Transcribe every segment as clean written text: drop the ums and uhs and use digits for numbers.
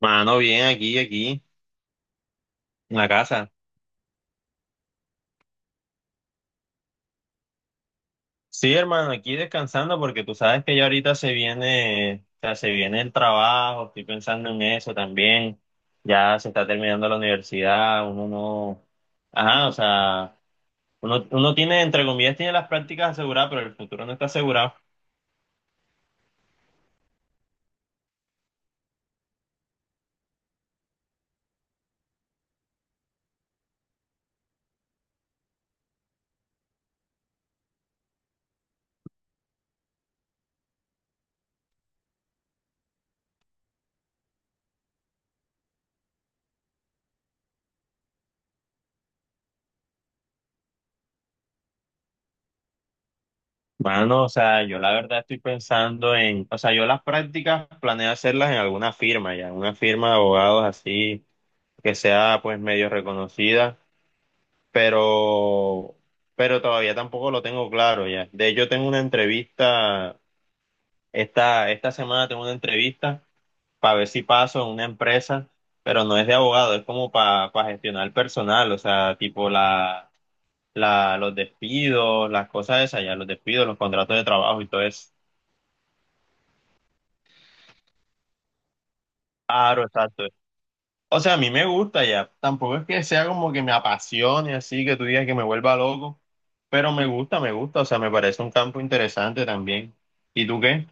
Mano, bien, aquí, en la casa. Sí, hermano, aquí descansando porque tú sabes que ya ahorita se viene, o sea, se viene el trabajo, estoy pensando en eso también. Ya se está terminando la universidad, uno no, ajá, o sea, uno tiene, entre comillas, tiene las prácticas aseguradas, pero el futuro no está asegurado. Mano, o sea, yo la verdad estoy pensando en, o sea, yo las prácticas planeo hacerlas en alguna firma ya, una firma de abogados así, que sea pues medio reconocida pero, pero todavía tampoco lo tengo claro ya. De hecho, tengo una entrevista, esta semana tengo una entrevista para ver si paso en una empresa, pero no es de abogado, es como para gestionar personal, o sea, tipo los despidos, las cosas esas ya, los despidos, los contratos de trabajo y todo eso. Claro, exacto. O sea, a mí me gusta ya. Tampoco es que sea como que me apasione así, que tú digas que me vuelva loco, pero me gusta, me gusta. O sea, me parece un campo interesante también. ¿Y tú qué?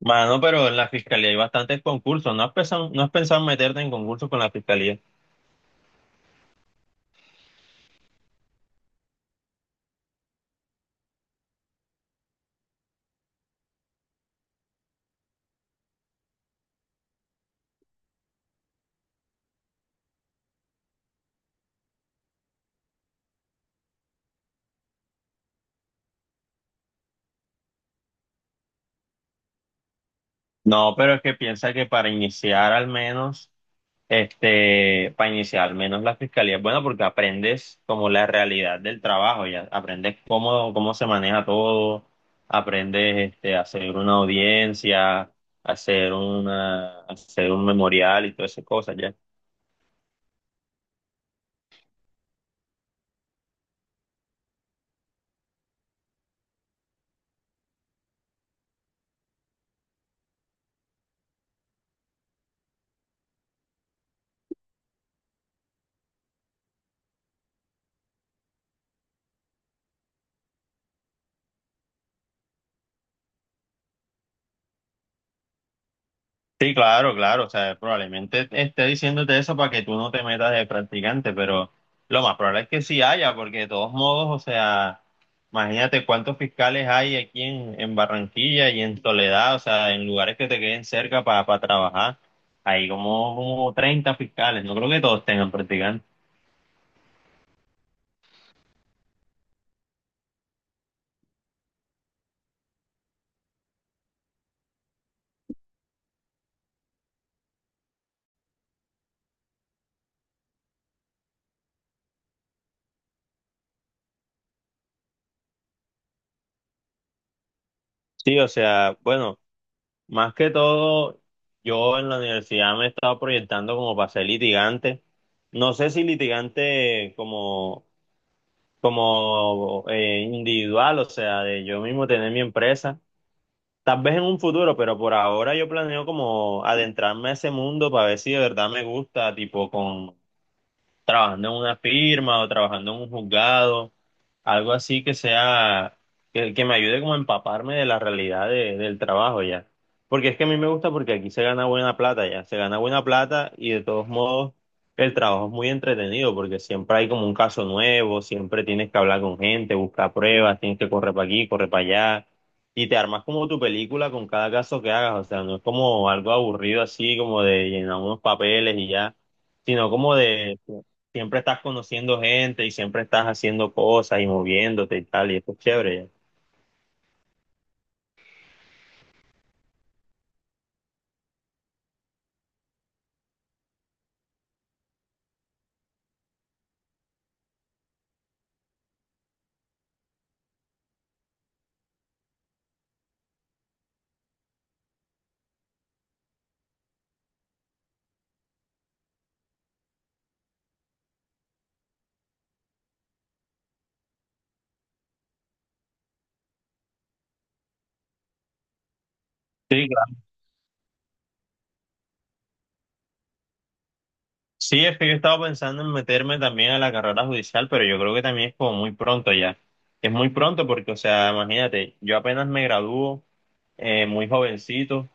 Mano, pero en la fiscalía hay bastantes concursos. ¿No has pensado, no has pensado en meterte en concursos con la fiscalía? No, pero es que piensa que para iniciar al menos. Este, para iniciar, al menos la fiscalía es buena porque aprendes como la realidad del trabajo, ya aprendes cómo, cómo se maneja todo, aprendes este, a hacer una audiencia, hacer una, hacer un memorial y todas esas cosas, ya. Sí, claro, claro, o sea, probablemente esté diciéndote eso para que tú no te metas de practicante, pero lo más probable es que sí haya, porque de todos modos, o sea, imagínate cuántos fiscales hay aquí en Barranquilla y en Soledad, o sea, en lugares que te queden cerca para trabajar, hay como, como 30 fiscales, no creo que todos tengan practicantes. Sí, o sea, bueno, más que todo, yo en la universidad me he estado proyectando como para ser litigante. No sé si litigante como como individual, o sea, de yo mismo tener mi empresa, tal vez en un futuro, pero por ahora yo planeo como adentrarme a ese mundo para ver si de verdad me gusta, tipo con trabajando en una firma o trabajando en un juzgado, algo así que sea, que me ayude como a empaparme de la realidad de- del trabajo ya. Porque es que a mí me gusta porque aquí se gana buena plata ya, se gana buena plata y de todos modos el trabajo es muy entretenido porque siempre hay como un caso nuevo, siempre tienes que hablar con gente, buscar pruebas, tienes que correr para aquí, correr para allá. Y te armas como tu película con cada caso que hagas, o sea, no es como algo aburrido así como de llenar unos papeles y ya, sino como de, siempre estás conociendo gente y siempre estás haciendo cosas y moviéndote y tal, y eso es chévere. Sí, claro. Sí, es que yo estaba pensando en meterme también a la carrera judicial, pero yo creo que también es como muy pronto ya. Es muy pronto porque, o sea, imagínate, yo apenas me gradúo muy jovencito.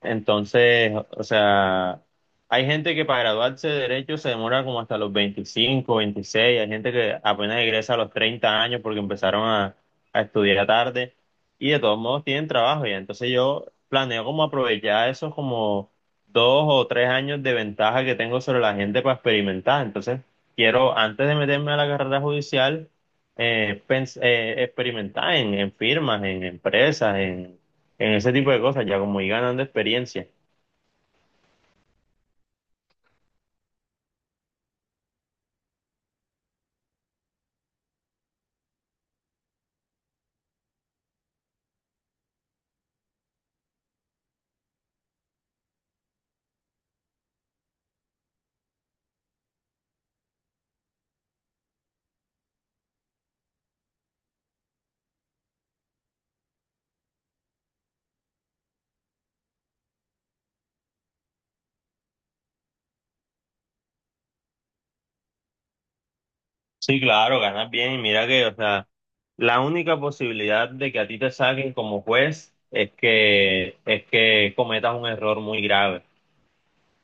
Entonces, o sea, hay gente que para graduarse de derecho se demora como hasta los 25, 26, hay gente que apenas egresa a los 30 años porque empezaron a estudiar tarde y de todos modos tienen trabajo ya. Entonces yo planeo como aprovechar esos como 2 o 3 años de ventaja que tengo sobre la gente para experimentar. Entonces quiero, antes de meterme a la carrera judicial, experimentar en firmas, en empresas, en ese tipo de cosas, ya como ir ganando experiencia. Sí, claro, ganas bien y mira que, o sea, la única posibilidad de que a ti te saquen como juez es que cometas un error muy grave,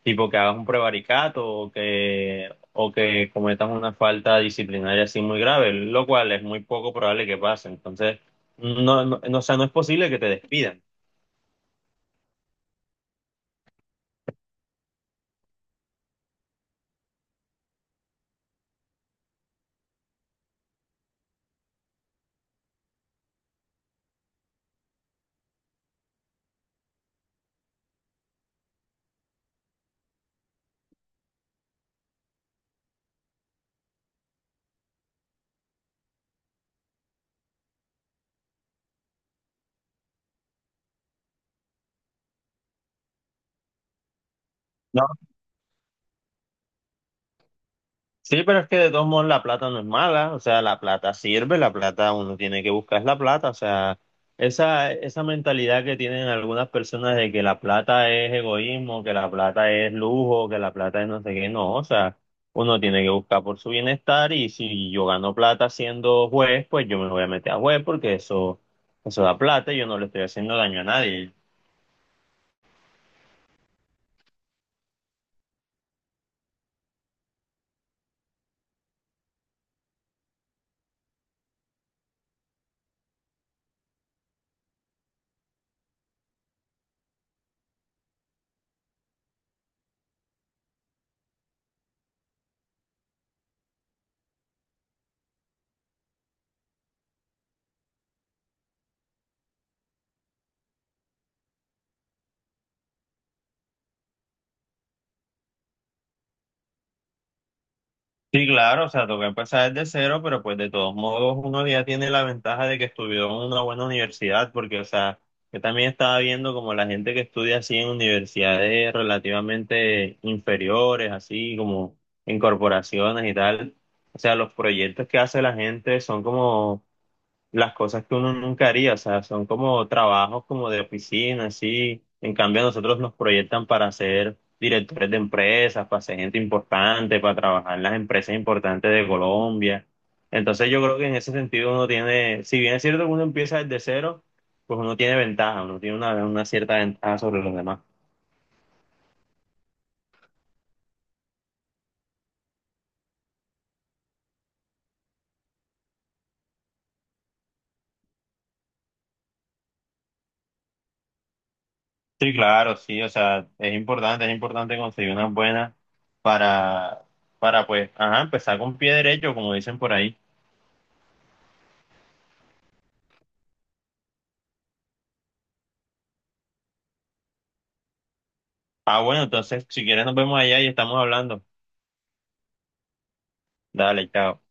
tipo que hagas un prevaricato o que cometas una falta disciplinaria así muy grave, lo cual es muy poco probable que pase. Entonces, no, no, no, o sea, no es posible que te despidan. Sí, pero es que de todos modos la plata no es mala, o sea, la plata sirve, la plata uno tiene que buscar es la plata, o sea, esa mentalidad que tienen algunas personas de que la plata es egoísmo, que la plata es lujo, que la plata es no sé qué, no, o sea, uno tiene que buscar por su bienestar y si yo gano plata siendo juez, pues yo me voy a meter a juez porque eso da plata y yo no le estoy haciendo daño a nadie. Sí, claro, o sea, toca empezar desde cero, pero pues de todos modos uno ya tiene la ventaja de que estudió en una buena universidad, porque, o sea, yo también estaba viendo como la gente que estudia así en universidades relativamente inferiores, así como en corporaciones y tal, o sea, los proyectos que hace la gente son como las cosas que uno nunca haría, o sea, son como trabajos como de oficina, así. En cambio, a nosotros nos proyectan para ser directores de empresas, para ser gente importante, para trabajar en las empresas importantes de Colombia. Entonces, yo creo que en ese sentido uno tiene, si bien es cierto que uno empieza desde cero, pues uno tiene ventaja, uno tiene una cierta ventaja sobre los demás. Sí, claro, sí, o sea, es importante conseguir unas buenas para, para pues, ajá, empezar con pie derecho, como dicen por ahí. Ah, bueno, entonces si quieres nos vemos allá y estamos hablando. Dale, chao.